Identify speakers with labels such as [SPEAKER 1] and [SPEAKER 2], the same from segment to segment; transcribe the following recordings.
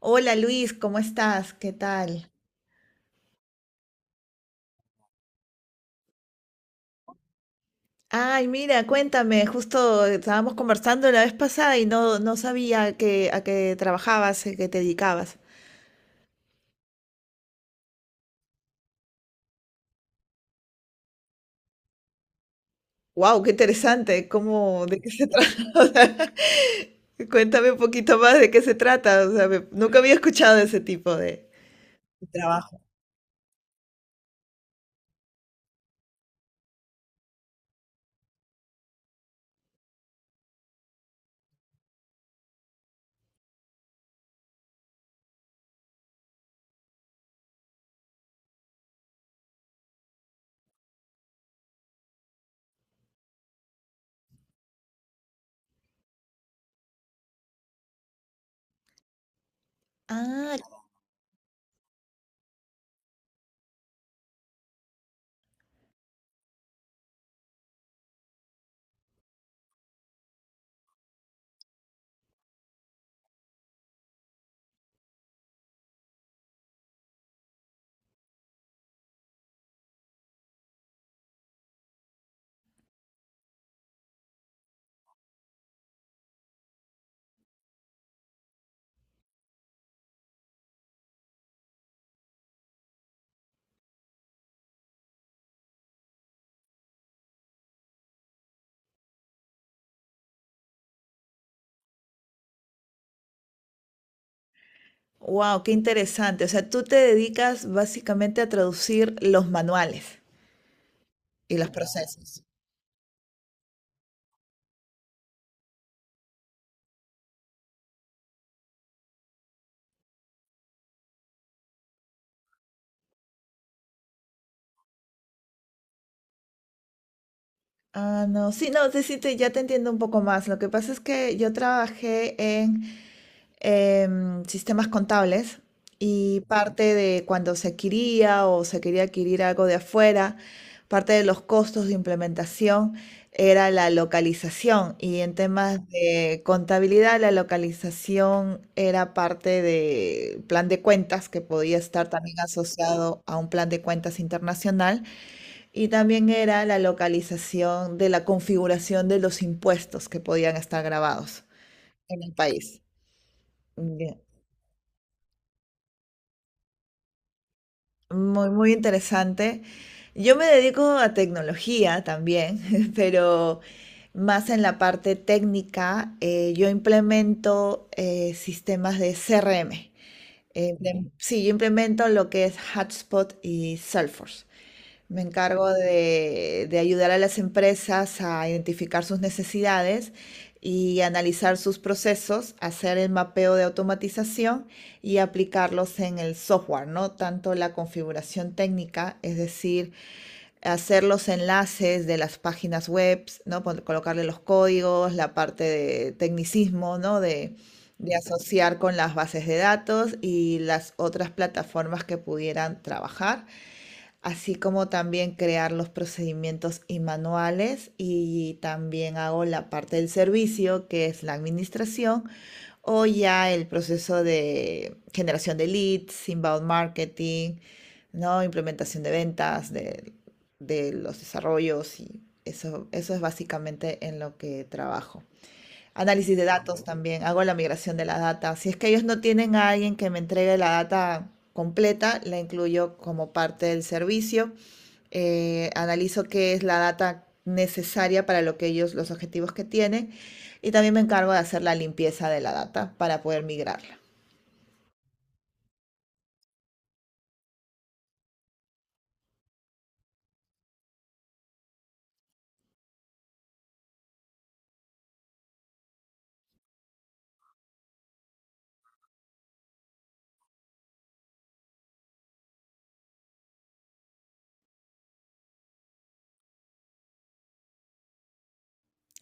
[SPEAKER 1] Hola Luis, ¿cómo estás? ¿Qué tal? Ay, mira, cuéntame, justo estábamos conversando la vez pasada y no sabía que a qué trabajabas, a qué te dedicabas. Wow, qué interesante, ¿cómo, de qué se trata? O sea, cuéntame un poquito más de qué se trata, o sea, nunca había escuchado de ese tipo de trabajo. Ah, wow, qué interesante. O sea, tú te dedicas básicamente a traducir los manuales y los procesos. Ah, no, sí, no, sí, sí, ya te entiendo un poco más. Lo que pasa es que yo trabajé en sistemas contables y parte de cuando se adquiría o se quería adquirir algo de afuera, parte de los costos de implementación era la localización, y en temas de contabilidad la localización era parte del plan de cuentas que podía estar también asociado a un plan de cuentas internacional, y también era la localización de la configuración de los impuestos que podían estar grabados en el país. Ya. Muy, muy interesante. Yo me dedico a tecnología también, pero más en la parte técnica. Yo implemento sistemas de CRM. Sí, yo implemento lo que es Hotspot y Salesforce. Me encargo de ayudar a las empresas a identificar sus necesidades y analizar sus procesos, hacer el mapeo de automatización y aplicarlos en el software, ¿no? Tanto la configuración técnica, es decir, hacer los enlaces de las páginas web, ¿no? Colocarle los códigos, la parte de tecnicismo, ¿no? De asociar con las bases de datos y las otras plataformas que pudieran trabajar, así como también crear los procedimientos y manuales, y también hago la parte del servicio, que es la administración, o ya el proceso de generación de leads, inbound marketing, ¿no? Implementación de ventas, de los desarrollos, y eso es básicamente en lo que trabajo. Análisis de datos también, hago la migración de la data. Si es que ellos no tienen a alguien que me entregue la data completa, la incluyo como parte del servicio. Analizo qué es la data necesaria para lo que ellos, los objetivos que tienen, y también me encargo de hacer la limpieza de la data para poder migrarla.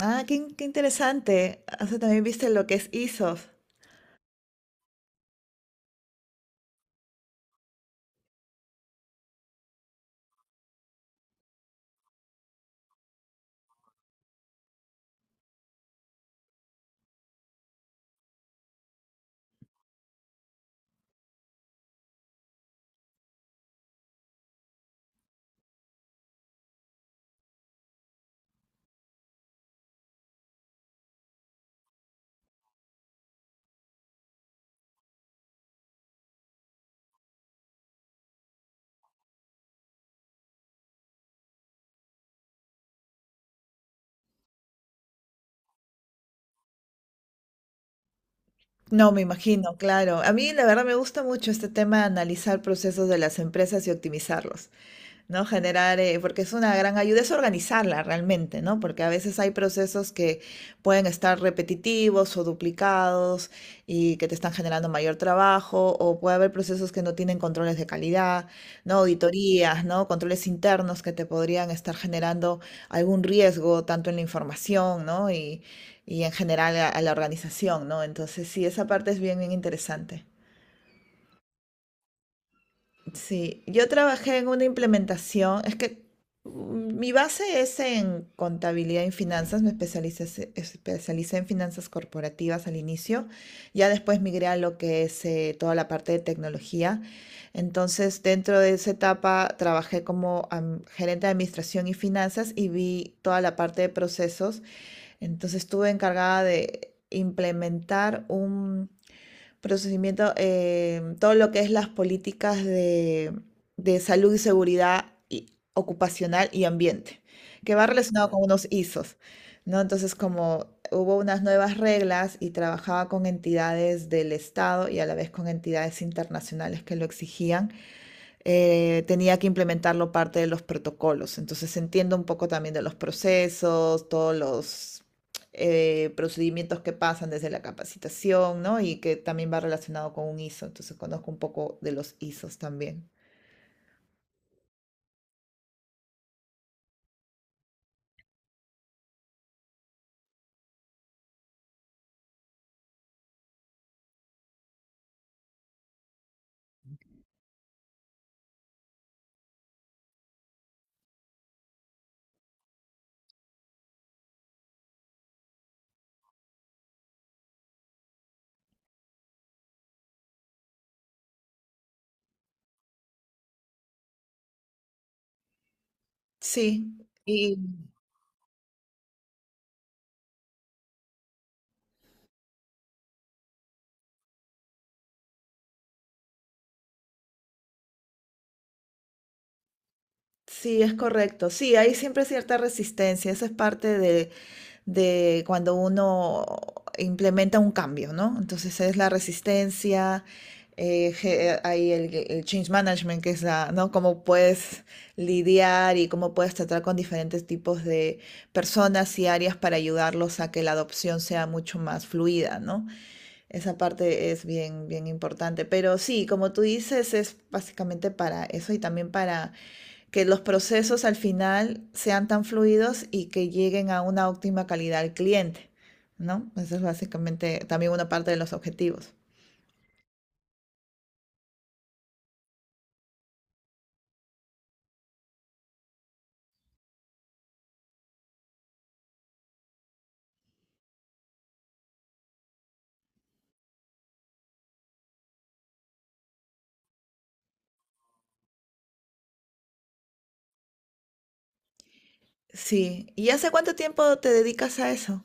[SPEAKER 1] Ah, qué, qué interesante. O sea, también viste lo que es ISOs. No, me imagino, claro. A mí la verdad me gusta mucho este tema de analizar procesos de las empresas y optimizarlos. ¿No? Generar, porque es una gran ayuda, es organizarla realmente, ¿no? Porque a veces hay procesos que pueden estar repetitivos o duplicados y que te están generando mayor trabajo, o puede haber procesos que no tienen controles de calidad, ¿no? Auditorías, ¿no? Controles internos que te podrían estar generando algún riesgo, tanto en la información, ¿no? Y en general a la organización, ¿no? Entonces, sí, esa parte es bien, bien interesante. Sí, yo trabajé en una implementación, es que mm, mi base es en contabilidad y finanzas, especialicé en finanzas corporativas al inicio, ya después migré a lo que es toda la parte de tecnología, entonces dentro de esa etapa trabajé como gerente de administración y finanzas y vi toda la parte de procesos, entonces estuve encargada de implementar un procesamiento, todo lo que es las políticas de salud y seguridad ocupacional y ambiente, que va relacionado con unos ISOs, ¿no? Entonces, como hubo unas nuevas reglas y trabajaba con entidades del Estado y a la vez con entidades internacionales que lo exigían, tenía que implementarlo parte de los protocolos. Entonces entiendo un poco también de los procesos, todos los procedimientos que pasan desde la capacitación, ¿no? Y que también va relacionado con un ISO. Entonces conozco un poco de los ISOs también. Sí, y sí, es correcto. Sí, hay siempre cierta resistencia. Esa es parte de cuando uno implementa un cambio, ¿no? Entonces es la resistencia, hay el change management, que es la, ¿no? Cómo puedes lidiar y cómo puedes tratar con diferentes tipos de personas y áreas para ayudarlos a que la adopción sea mucho más fluida, ¿no? Esa parte es bien, bien importante. Pero sí, como tú dices, es básicamente para eso y también para que los procesos al final sean tan fluidos y que lleguen a una óptima calidad al cliente, ¿no? Eso es básicamente también una parte de los objetivos. Sí, ¿y hace cuánto tiempo te dedicas a eso?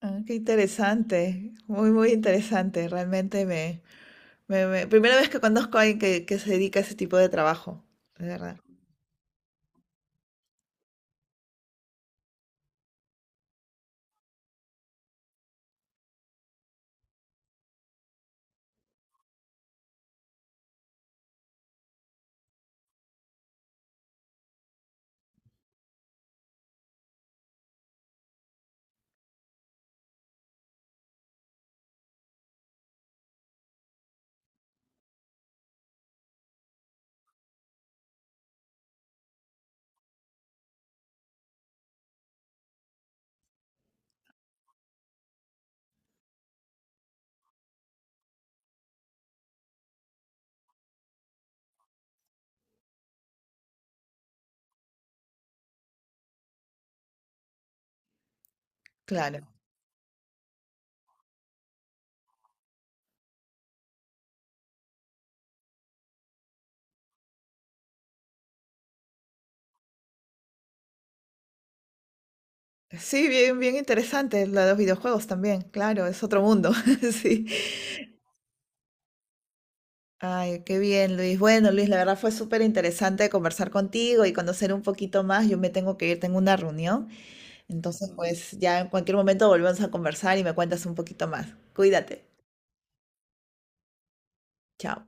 [SPEAKER 1] Ah, qué interesante, muy, muy interesante. Realmente me, primera vez que conozco a alguien que se dedica a ese tipo de trabajo, de verdad. Claro. Sí, bien, bien interesante. La de los videojuegos también, claro, es otro mundo, sí. Ay, qué bien, Luis. Bueno, Luis, la verdad fue súper interesante conversar contigo y conocer un poquito más. Yo me tengo que ir, tengo una reunión. Entonces, pues ya en cualquier momento volvemos a conversar y me cuentas un poquito más. Cuídate. Chao.